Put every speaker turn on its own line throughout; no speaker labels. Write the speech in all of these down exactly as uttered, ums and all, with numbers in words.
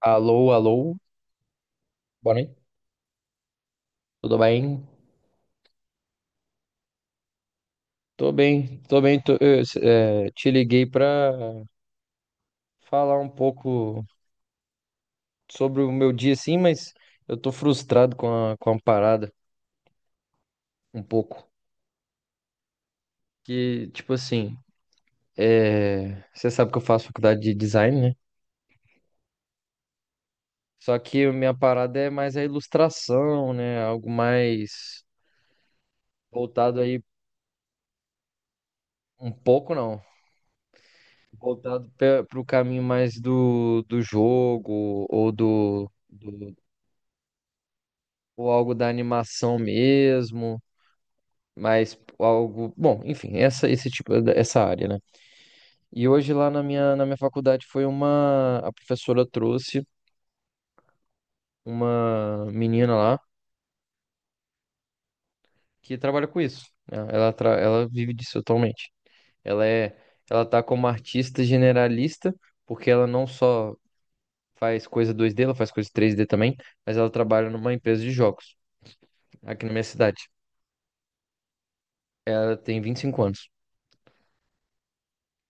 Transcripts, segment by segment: Alô, alô, boa noite, tudo bem? Tô bem, tô bem, tô- eu, é, te liguei pra falar um pouco sobre o meu dia, assim. Mas eu tô frustrado com a, com a parada, um pouco. Que, tipo assim, é, você sabe que eu faço faculdade de design, né? Só que a minha parada é mais a ilustração, né? Algo mais voltado aí, um pouco não, voltado para o caminho mais do, do jogo ou do do ou algo da animação mesmo, mas algo, bom, enfim, essa esse tipo essa área, né? E hoje lá na minha na minha faculdade foi uma a professora trouxe uma menina lá que trabalha com isso, né? Ela tra, ela vive disso atualmente. Ela é Ela tá como artista generalista, porque ela não só faz coisa dois D, ela faz coisa três D também, mas ela trabalha numa empresa de jogos aqui na minha cidade. Ela tem vinte e cinco anos.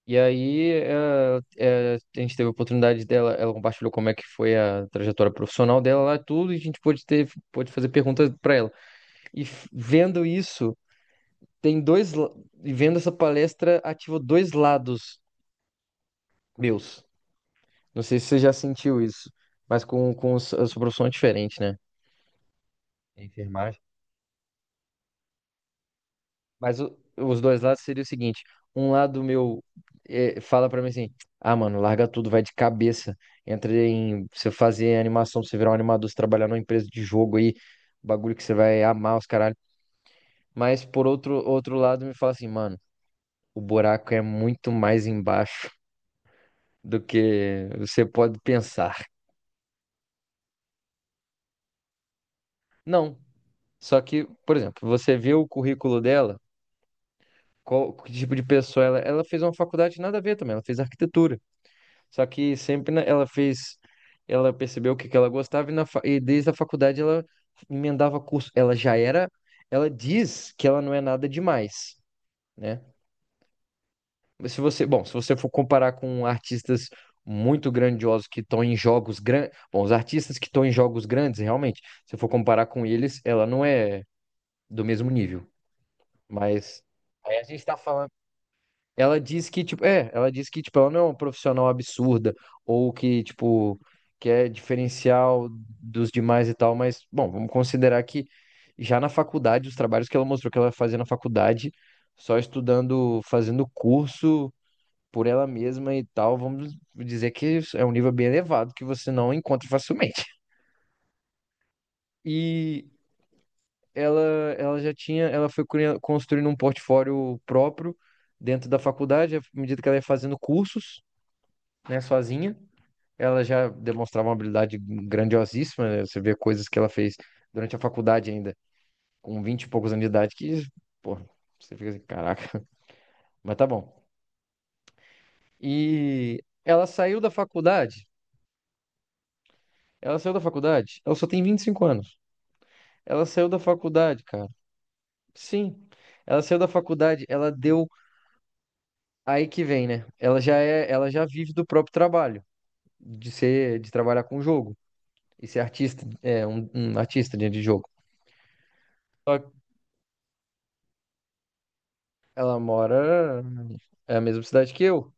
E aí, eh, eh, a gente teve a oportunidade dela, ela compartilhou como é que foi a trajetória profissional dela lá, tudo, e a gente pôde ter, pôde fazer perguntas para ela. E f- vendo isso, tem dois, la- e vendo essa palestra, ativou dois lados meus. Não sei se você já sentiu isso, mas com, com a sua profissão é diferente, né? Enfermagem. Mas o- os dois lados seria o seguinte: um lado meu eh, fala pra mim assim, ah, mano, larga tudo, vai de cabeça, entra em você fazer animação, você virar um animador, você trabalhar numa empresa de jogo aí, bagulho que você vai amar os caralho. Mas por outro outro lado me fala assim, mano, o buraco é muito mais embaixo do que você pode pensar. Não, só que, por exemplo, você vê o currículo dela, qual que tipo de pessoa ela, ela fez uma faculdade nada a ver também, ela fez arquitetura. Só que sempre na- ela fez, ela percebeu o que que ela gostava e, na fa- e desde a faculdade ela emendava curso. Ela já era, ela diz que ela não é nada demais, né? Mas se você, bom, se você for comparar com artistas muito grandiosos que estão em jogos grandes, bom, os artistas que estão em jogos grandes, realmente, se for comparar com eles, ela não é do mesmo nível. Mas aí a gente está falando. Ela diz que, tipo, é, ela diz que, tipo, ela não é uma profissional absurda, ou que, tipo, que é diferencial dos demais e tal, mas, bom, vamos considerar que já na faculdade, os trabalhos que ela mostrou que ela fazia na faculdade, só estudando, fazendo curso por ela mesma e tal, vamos dizer que é um nível bem elevado que você não encontra facilmente. E ela, ela já tinha, ela foi cria- construindo um portfólio próprio dentro da faculdade, à medida que ela ia fazendo cursos. Né, sozinha. Ela já demonstrava uma habilidade grandiosíssima, né? Você vê coisas que ela fez durante a faculdade ainda, com vinte e poucos anos de idade, que, pô, você fica assim, caraca. Mas tá bom. E ela saiu da faculdade. Ela saiu da faculdade. Ela só tem vinte e cinco anos. Ela saiu da faculdade, cara. Sim. Ela saiu da faculdade, ela deu. Aí que vem, né? Ela já é, ela já vive do próprio trabalho, de ser, de trabalhar com jogo e ser artista, é um, um artista de de jogo. Só. Ela mora. É a mesma cidade que eu.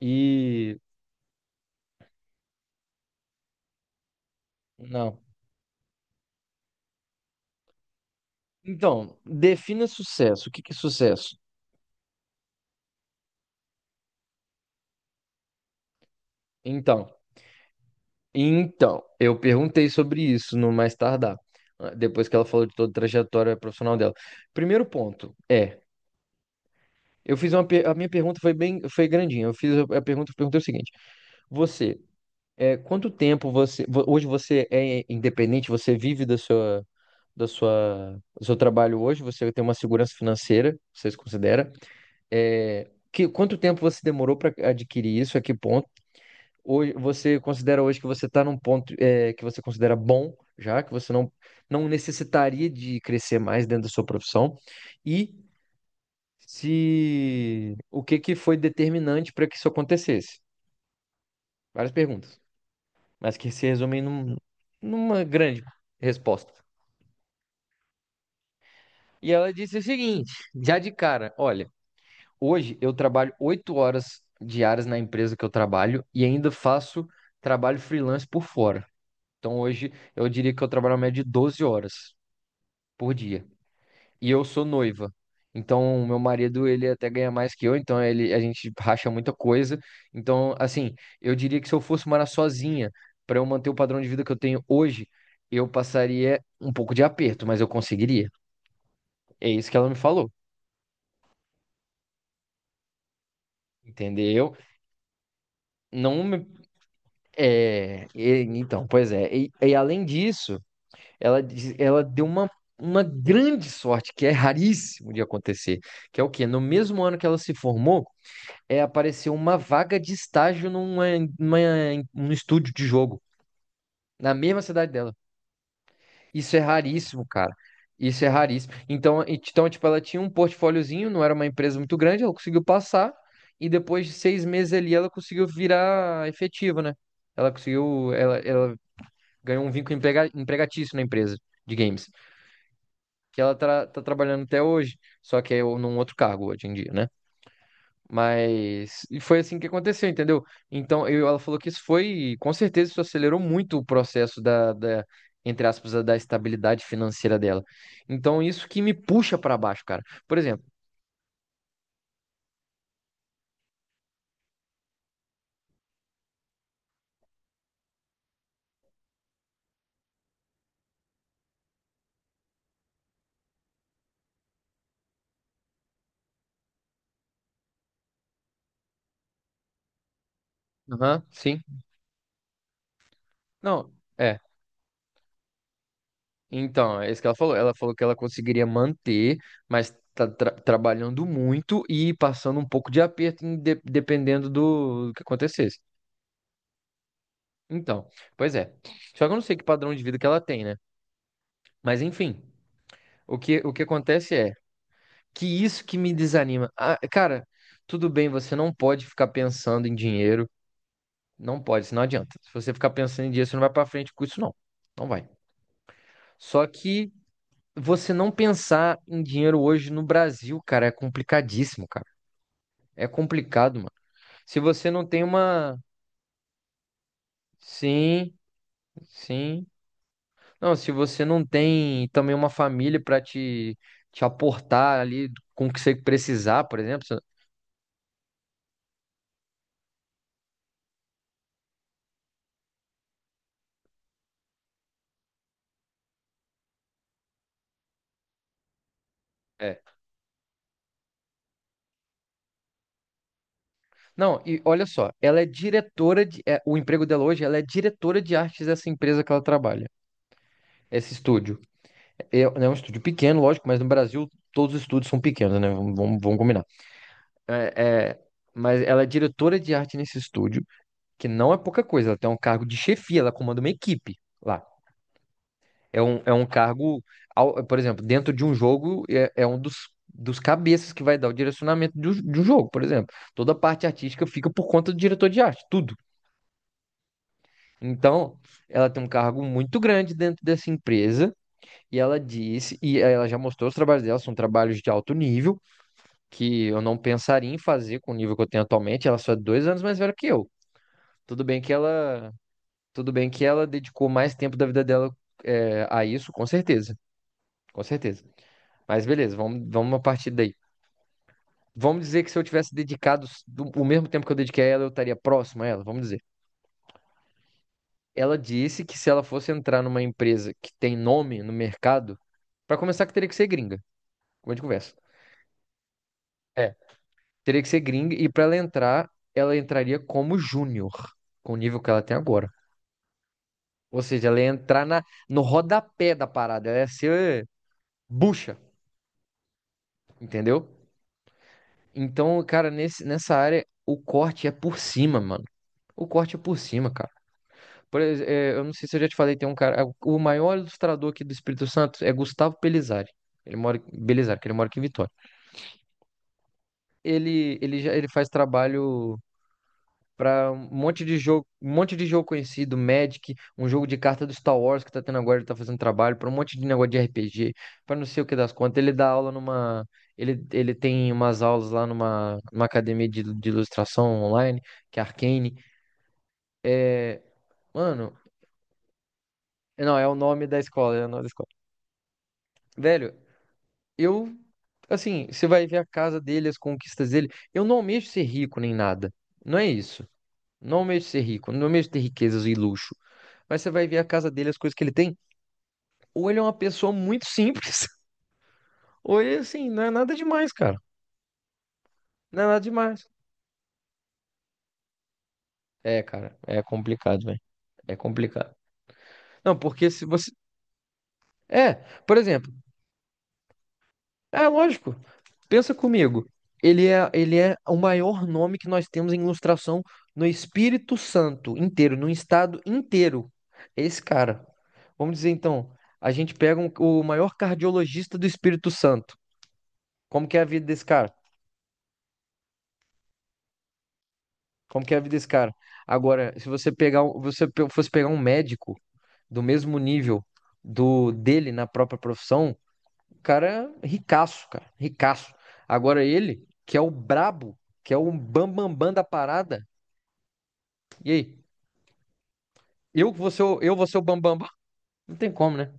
E. Não. Então, defina sucesso. O que que é sucesso? Então, então, eu perguntei sobre isso no mais tardar, ah, depois que ela falou de toda a trajetória profissional dela. Primeiro ponto é, eu fiz uma, per- a minha pergunta foi bem, foi grandinha. Eu fiz a a pergunta, eu perguntei o seguinte: você, é, quanto tempo você, vo- hoje você é independente? Você vive da sua, da sua, do seu trabalho hoje? Você tem uma segurança financeira? Vocês consideram? É, que, quanto tempo você demorou para adquirir isso? A que ponto? Hoje, você considera hoje que você está num ponto é, que você considera bom, já que você não, não necessitaria de crescer mais dentro da sua profissão? E se o que que foi determinante para que isso acontecesse? Várias perguntas, mas que se resumem num- numa grande resposta. E ela disse o seguinte, já de cara, olha. Hoje eu trabalho oito horas diárias na empresa que eu trabalho e ainda faço trabalho freelance por fora. Então hoje eu diria que eu trabalho uma média de doze horas por dia. E eu sou noiva. Então meu marido, ele até ganha mais que eu, então ele a gente racha muita coisa. Então, assim, eu diria que se eu fosse morar sozinha, para eu manter o padrão de vida que eu tenho hoje, eu passaria um pouco de aperto, mas eu conseguiria. É isso que ela me falou, entendeu? Não me. É, e- então, pois é. E, e além disso, ela, diz- ela deu uma, uma grande sorte, que é raríssimo de acontecer, que é o quê? No mesmo ano que ela se formou, é, apareceu uma vaga de estágio numa, numa, num estúdio de jogo, na mesma cidade dela. Isso é raríssimo, cara. Isso é raríssimo. Então, e- então, tipo, ela tinha um portfóliozinho, não era uma empresa muito grande, ela conseguiu passar, e depois de seis meses ali, ela conseguiu virar efetiva, né? Ela conseguiu, ela, ela ganhou um vínculo emprega- empregatício na empresa de games, que ela tá, tá trabalhando até hoje, só que é num outro cargo hoje em dia, né? Mas e foi assim que aconteceu, entendeu? Então, eu, ela falou que isso foi, com certeza, isso acelerou muito o processo da, da, entre aspas, da estabilidade financeira dela. Então, isso que me puxa para baixo, cara. Por exemplo, aham, sim. Não, é. Então, é isso que ela falou. Ela falou que ela conseguiria manter, mas tá tra- trabalhando muito e passando um pouco de aperto, em de- dependendo do, do que acontecesse. Então, pois é. Só que eu não sei que padrão de vida que ela tem, né? Mas enfim, o que, o que acontece é que isso que me desanima. Ah, cara, tudo bem, você não pode ficar pensando em dinheiro. Não pode, isso não adianta. Se você ficar pensando em dinheiro, você não vai pra frente com isso, não. Não vai. Só que. Você não pensar em dinheiro hoje no Brasil, cara, é complicadíssimo, cara. É complicado, mano. Se você não tem uma. Sim, sim. Não, se você não tem também uma família pra te, te aportar ali com o que você precisar, por exemplo. Você-. É. Não, e olha só, ela é diretora de. É, o emprego dela hoje, ela é diretora de artes dessa empresa que ela trabalha. Esse estúdio. É, é um estúdio pequeno, lógico, mas no Brasil todos os estúdios são pequenos, né? Vamos, vamos vamos combinar. É, é, mas ela é diretora de arte nesse estúdio, que não é pouca coisa. Ela tem um cargo de chefia, ela comanda uma equipe lá. É um, é um cargo, ao- por exemplo, dentro de um jogo, é, é um dos, dos cabeças que vai dar o direcionamento do, do jogo, por exemplo. Toda a parte artística fica por conta do diretor de arte, tudo. Então, ela tem um cargo muito grande dentro dessa empresa, e ela disse, e ela já mostrou os trabalhos dela, são trabalhos de alto nível, que eu não pensaria em fazer com o nível que eu tenho atualmente. Ela só é dois anos mais velha que eu. Tudo bem que ela, tudo bem que ela dedicou mais tempo da vida dela é, a isso, com certeza, com certeza. Mas beleza, vamos, vamos a partir daí. Vamos dizer que se eu tivesse dedicado s- do- o mesmo tempo que eu dediquei a ela, eu estaria próximo a ela, vamos dizer. Ela disse que se ela fosse entrar numa empresa que tem nome no mercado, para começar que teria que ser gringa, como a gente conversa. É, teria que ser gringa e para ela entrar, ela entraria como júnior, com o nível que ela tem agora. Ou seja, ela ia entrar na, no rodapé da parada, ela ia ser bucha. Entendeu? Então, cara, nesse, nessa área, o corte é por cima, mano. O corte é por cima, cara. Por, ex- é, eu não sei se eu já te falei, tem um cara. O maior ilustrador aqui do Espírito Santo é Gustavo Pelizari. Ele mora em Belizari, que ele mora aqui em Vitória. Ele, ele, já, ele faz trabalho. Para um monte de jogo, um monte de jogo conhecido, Magic, um jogo de carta do Star Wars que tá tendo agora, ele tá fazendo trabalho, para um monte de negócio de R P G, para não sei o que das contas. Ele dá aula numa. Ele, ele tem umas aulas lá numa, numa academia de, de ilustração online, que é Arcane. É, mano, não, é o nome da escola, é o nome da escola. Velho, eu. Assim, você vai ver a casa dele, as conquistas dele. Eu não almejo ser rico nem nada. Não é isso. Não almejo ser rico, não almejo ter riquezas e luxo. Mas você vai ver a casa dele, as coisas que ele tem. Ou ele é uma pessoa muito simples, ou ele, assim, não é nada demais, cara. Não é nada demais. É, cara, é complicado, velho. É complicado. Não, porque se você. É, por exemplo, é lógico. Pensa comigo. Ele é, ele é o maior nome que nós temos em ilustração no Espírito Santo inteiro, no estado inteiro. É esse cara. Vamos dizer então, a gente pega um- o maior cardiologista do Espírito Santo. Como que é a vida desse cara? Como que é a vida desse cara? Agora, se você pegar, um- você pe- fosse pegar um médico do mesmo nível do dele na própria profissão, o cara é ricaço, cara, ricaço. Agora ele, que é o brabo, que é o bambambam bam, bam da parada, e aí? Eu que vou ser, o- eu vou ser o bambambam? Bam, bam? Não tem como, né?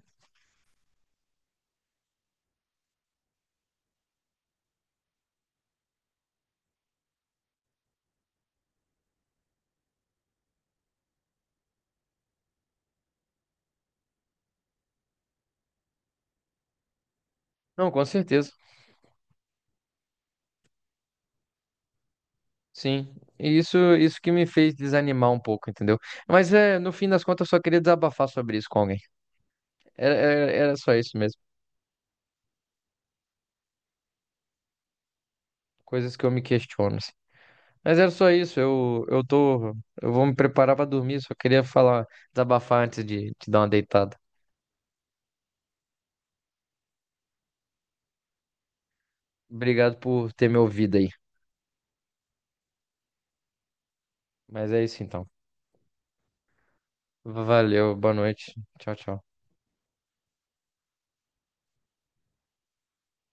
Não, com certeza. Sim. E isso, isso que me fez desanimar um pouco, entendeu? Mas é, no fim das contas, eu só queria desabafar sobre isso com alguém. Era, era, era só isso mesmo. Coisas que eu me questiono, assim. Mas era só isso, eu, eu tô, eu vou me preparar pra dormir, só queria falar, desabafar antes de te dar uma deitada. Obrigado por ter me ouvido aí. Mas é isso então. Valeu, boa noite. Tchau, tchau.